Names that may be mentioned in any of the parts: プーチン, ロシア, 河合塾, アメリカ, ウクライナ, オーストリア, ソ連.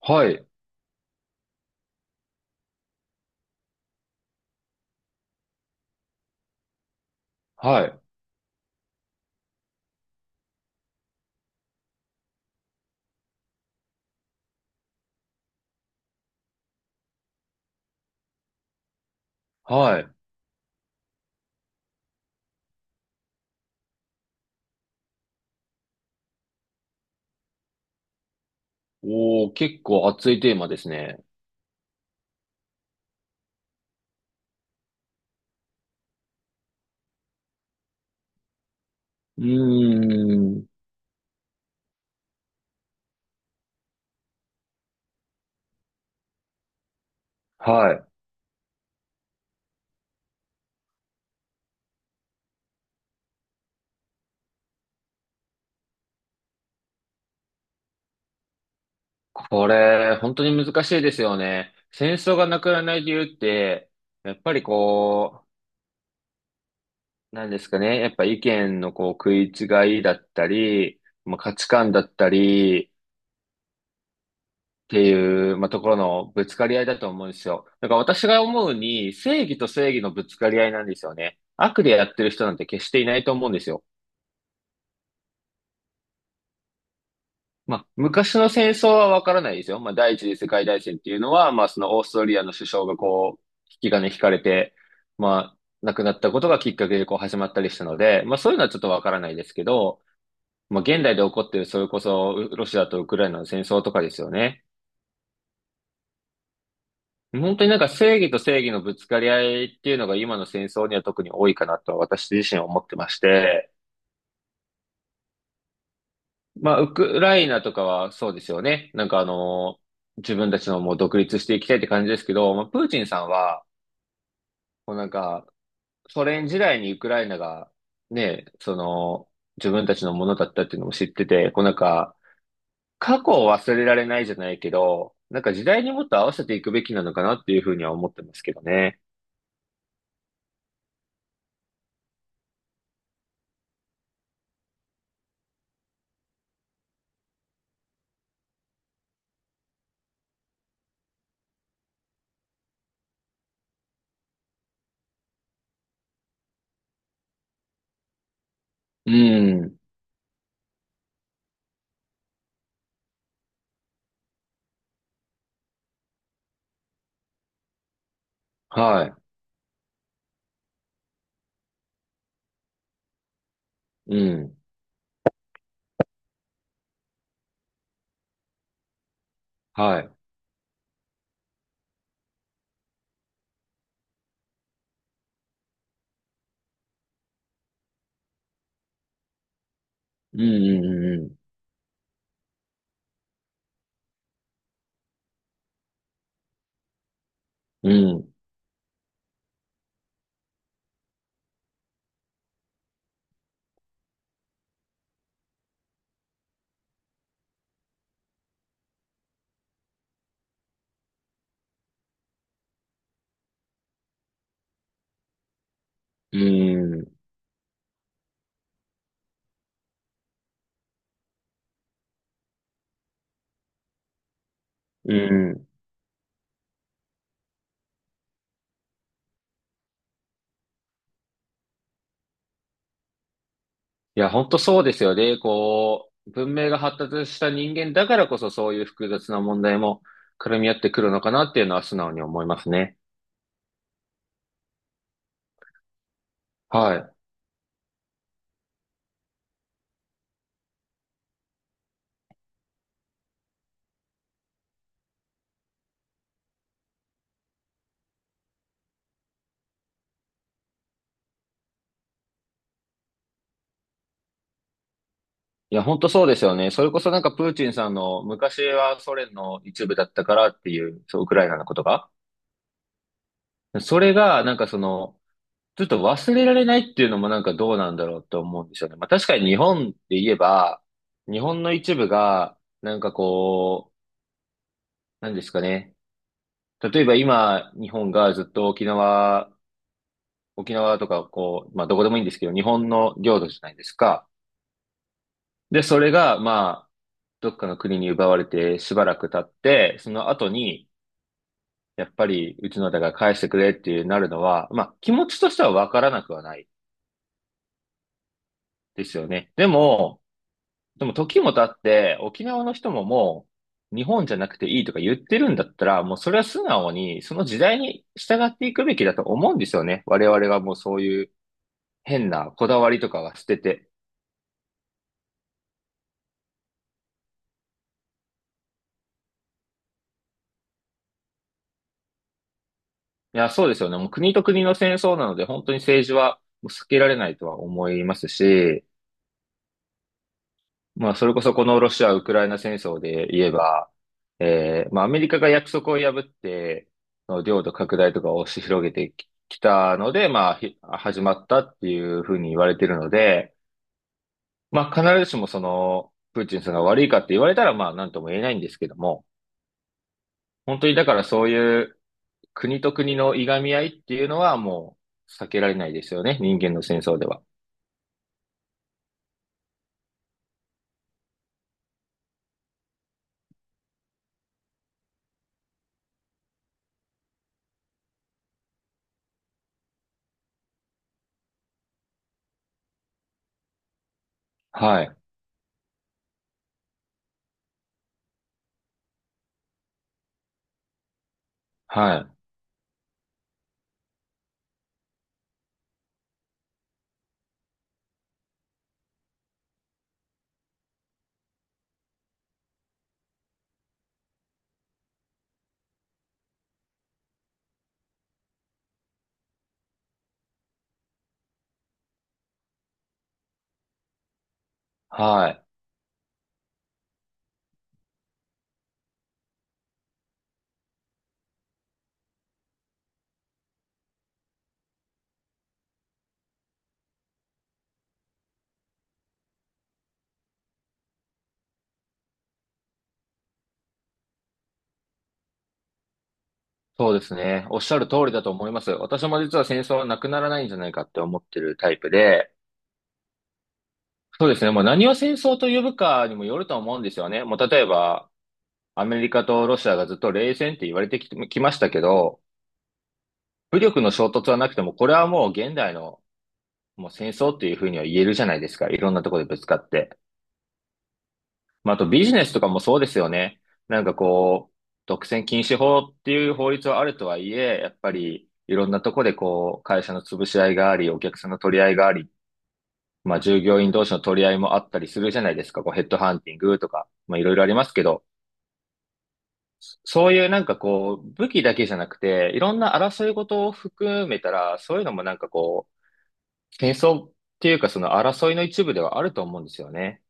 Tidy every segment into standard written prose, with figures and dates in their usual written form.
はい、はい、はい。おー、結構熱いテーマですね。うーん、はい。これ、本当に難しいですよね。戦争がなくならない理由って、やっぱりこう、なんですかね。やっぱ意見のこう食い違いだったり、まあ、価値観だったりっていう、まあ、ところのぶつかり合いだと思うんですよ。だから私が思うに、正義と正義のぶつかり合いなんですよね。悪でやってる人なんて決していないと思うんですよ。まあ、昔の戦争はわからないですよ。まあ、第一次世界大戦っていうのは、まあ、そのオーストリアの首相がこう、引き金引かれて、まあ、亡くなったことがきっかけでこう始まったりしたので、まあ、そういうのはちょっとわからないですけど、まあ、現代で起こってる、それこそ、ロシアとウクライナの戦争とかですよね。本当になんか正義と正義のぶつかり合いっていうのが今の戦争には特に多いかなと私自身は思ってまして、まあ、ウクライナとかはそうですよね。なんかあの、自分たちのもう独立していきたいって感じですけど、まあ、プーチンさんは、もうなんか、ソ連時代にウクライナが、ね、その、自分たちのものだったっていうのも知ってて、こうなんか、過去を忘れられないじゃないけど、なんか時代にもっと合わせていくべきなのかなっていうふうには思ってますけどね。うん。はい。うん。はい。うん、うん、うん、うん。うん、うん、うん。いや、本当そうですよね。こう、文明が発達した人間だからこそそういう複雑な問題も絡み合ってくるのかなっていうのは素直に思いますね。はい。いや、本当そうですよね。それこそなんかプーチンさんの昔はソ連の一部だったからっていう、そう、ウクライナのことが。それがなんかその、ちょっと忘れられないっていうのもなんかどうなんだろうと思うんですよね。まあ確かに日本で言えば、日本の一部が、なんかこう、何ですかね。例えば今、日本がずっと沖縄とか、こう、まあ、どこでもいいんですけど、日本の領土じゃないですか。で、それが、まあ、どっかの国に奪われてしばらく経って、その後に、やっぱり、うちのだから返してくれっていうなるのは、まあ、気持ちとしてはわからなくはないですよね。でも時も経って、沖縄の人ももう、日本じゃなくていいとか言ってるんだったら、もうそれは素直に、その時代に従っていくべきだと思うんですよね。我々がもうそういう、変なこだわりとかは捨てて。いや、そうですよね。もう国と国の戦争なので、本当に政治は避けられないとは思いますし、まあ、それこそこのロシア・ウクライナ戦争で言えば、まあ、アメリカが約束を破って、その領土拡大とかを押し広げてきたので、まあ、始まったっていうふうに言われてるので、まあ、必ずしもその、プーチンさんが悪いかって言われたら、まあ、なんとも言えないんですけども、本当にだからそういう、国と国のいがみ合いっていうのはもう避けられないですよね。人間の戦争では。はい。はい。はい。そうですね。おっしゃる通りだと思います。私も実は戦争はなくならないんじゃないかって思ってるタイプで、そうですね。もう何を戦争と呼ぶかにもよると思うんですよね。もう例えば、アメリカとロシアがずっと冷戦って言われてきましたけど、武力の衝突はなくても、これはもう現代のもう戦争っていうふうには言えるじゃないですか。いろんなところでぶつかって。まあ、あとビジネスとかもそうですよね。なんかこう、独占禁止法っていう法律はあるとはいえ、やっぱりいろんなとこでこう、会社の潰し合いがあり、お客さんの取り合いがあり、まあ従業員同士の取り合いもあったりするじゃないですか。こうヘッドハンティングとか、まあいろいろありますけど、そういうなんかこう、武器だけじゃなくて、いろんな争い事を含めたら、そういうのもなんかこう、戦争っていうかその争いの一部ではあると思うんですよね。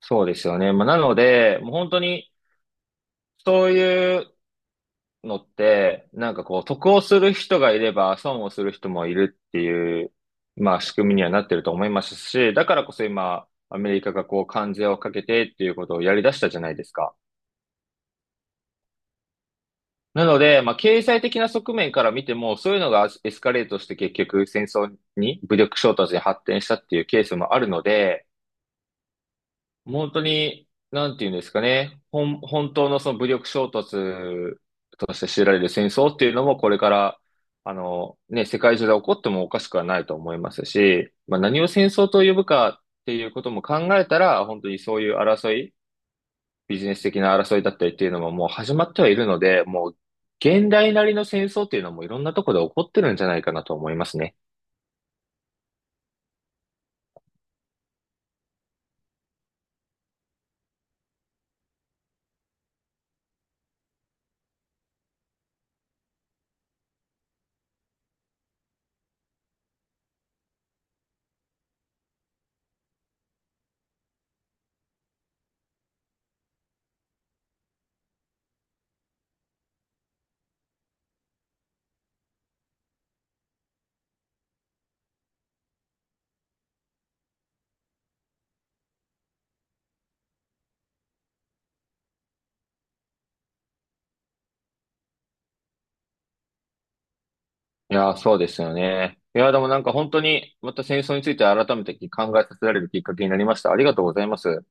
そうですよね。まあなので、もう本当に、そういうのって、なんかこう、得をする人がいれば、損をする人もいるっていう、まあ仕組みにはなってると思いますし、だからこそ今、アメリカがこう、関税をかけてっていうことをやり出したじゃないですか。なので、まあ経済的な側面から見ても、そういうのがエスカレートして結局戦争に、武力衝突に発展したっていうケースもあるので、本当に、なんていうんですかね。本当のその武力衝突として知られる戦争っていうのもこれから、あの、ね、世界中で起こってもおかしくはないと思いますし、まあ何を戦争と呼ぶかっていうことも考えたら、本当にそういう争い、ビジネス的な争いだったりっていうのももう始まってはいるので、もう現代なりの戦争っていうのもいろんなところで起こってるんじゃないかなと思いますね。いやー、そうですよね。いやー、でもなんか本当にまた戦争について改めて考えさせられるきっかけになりました。ありがとうございます。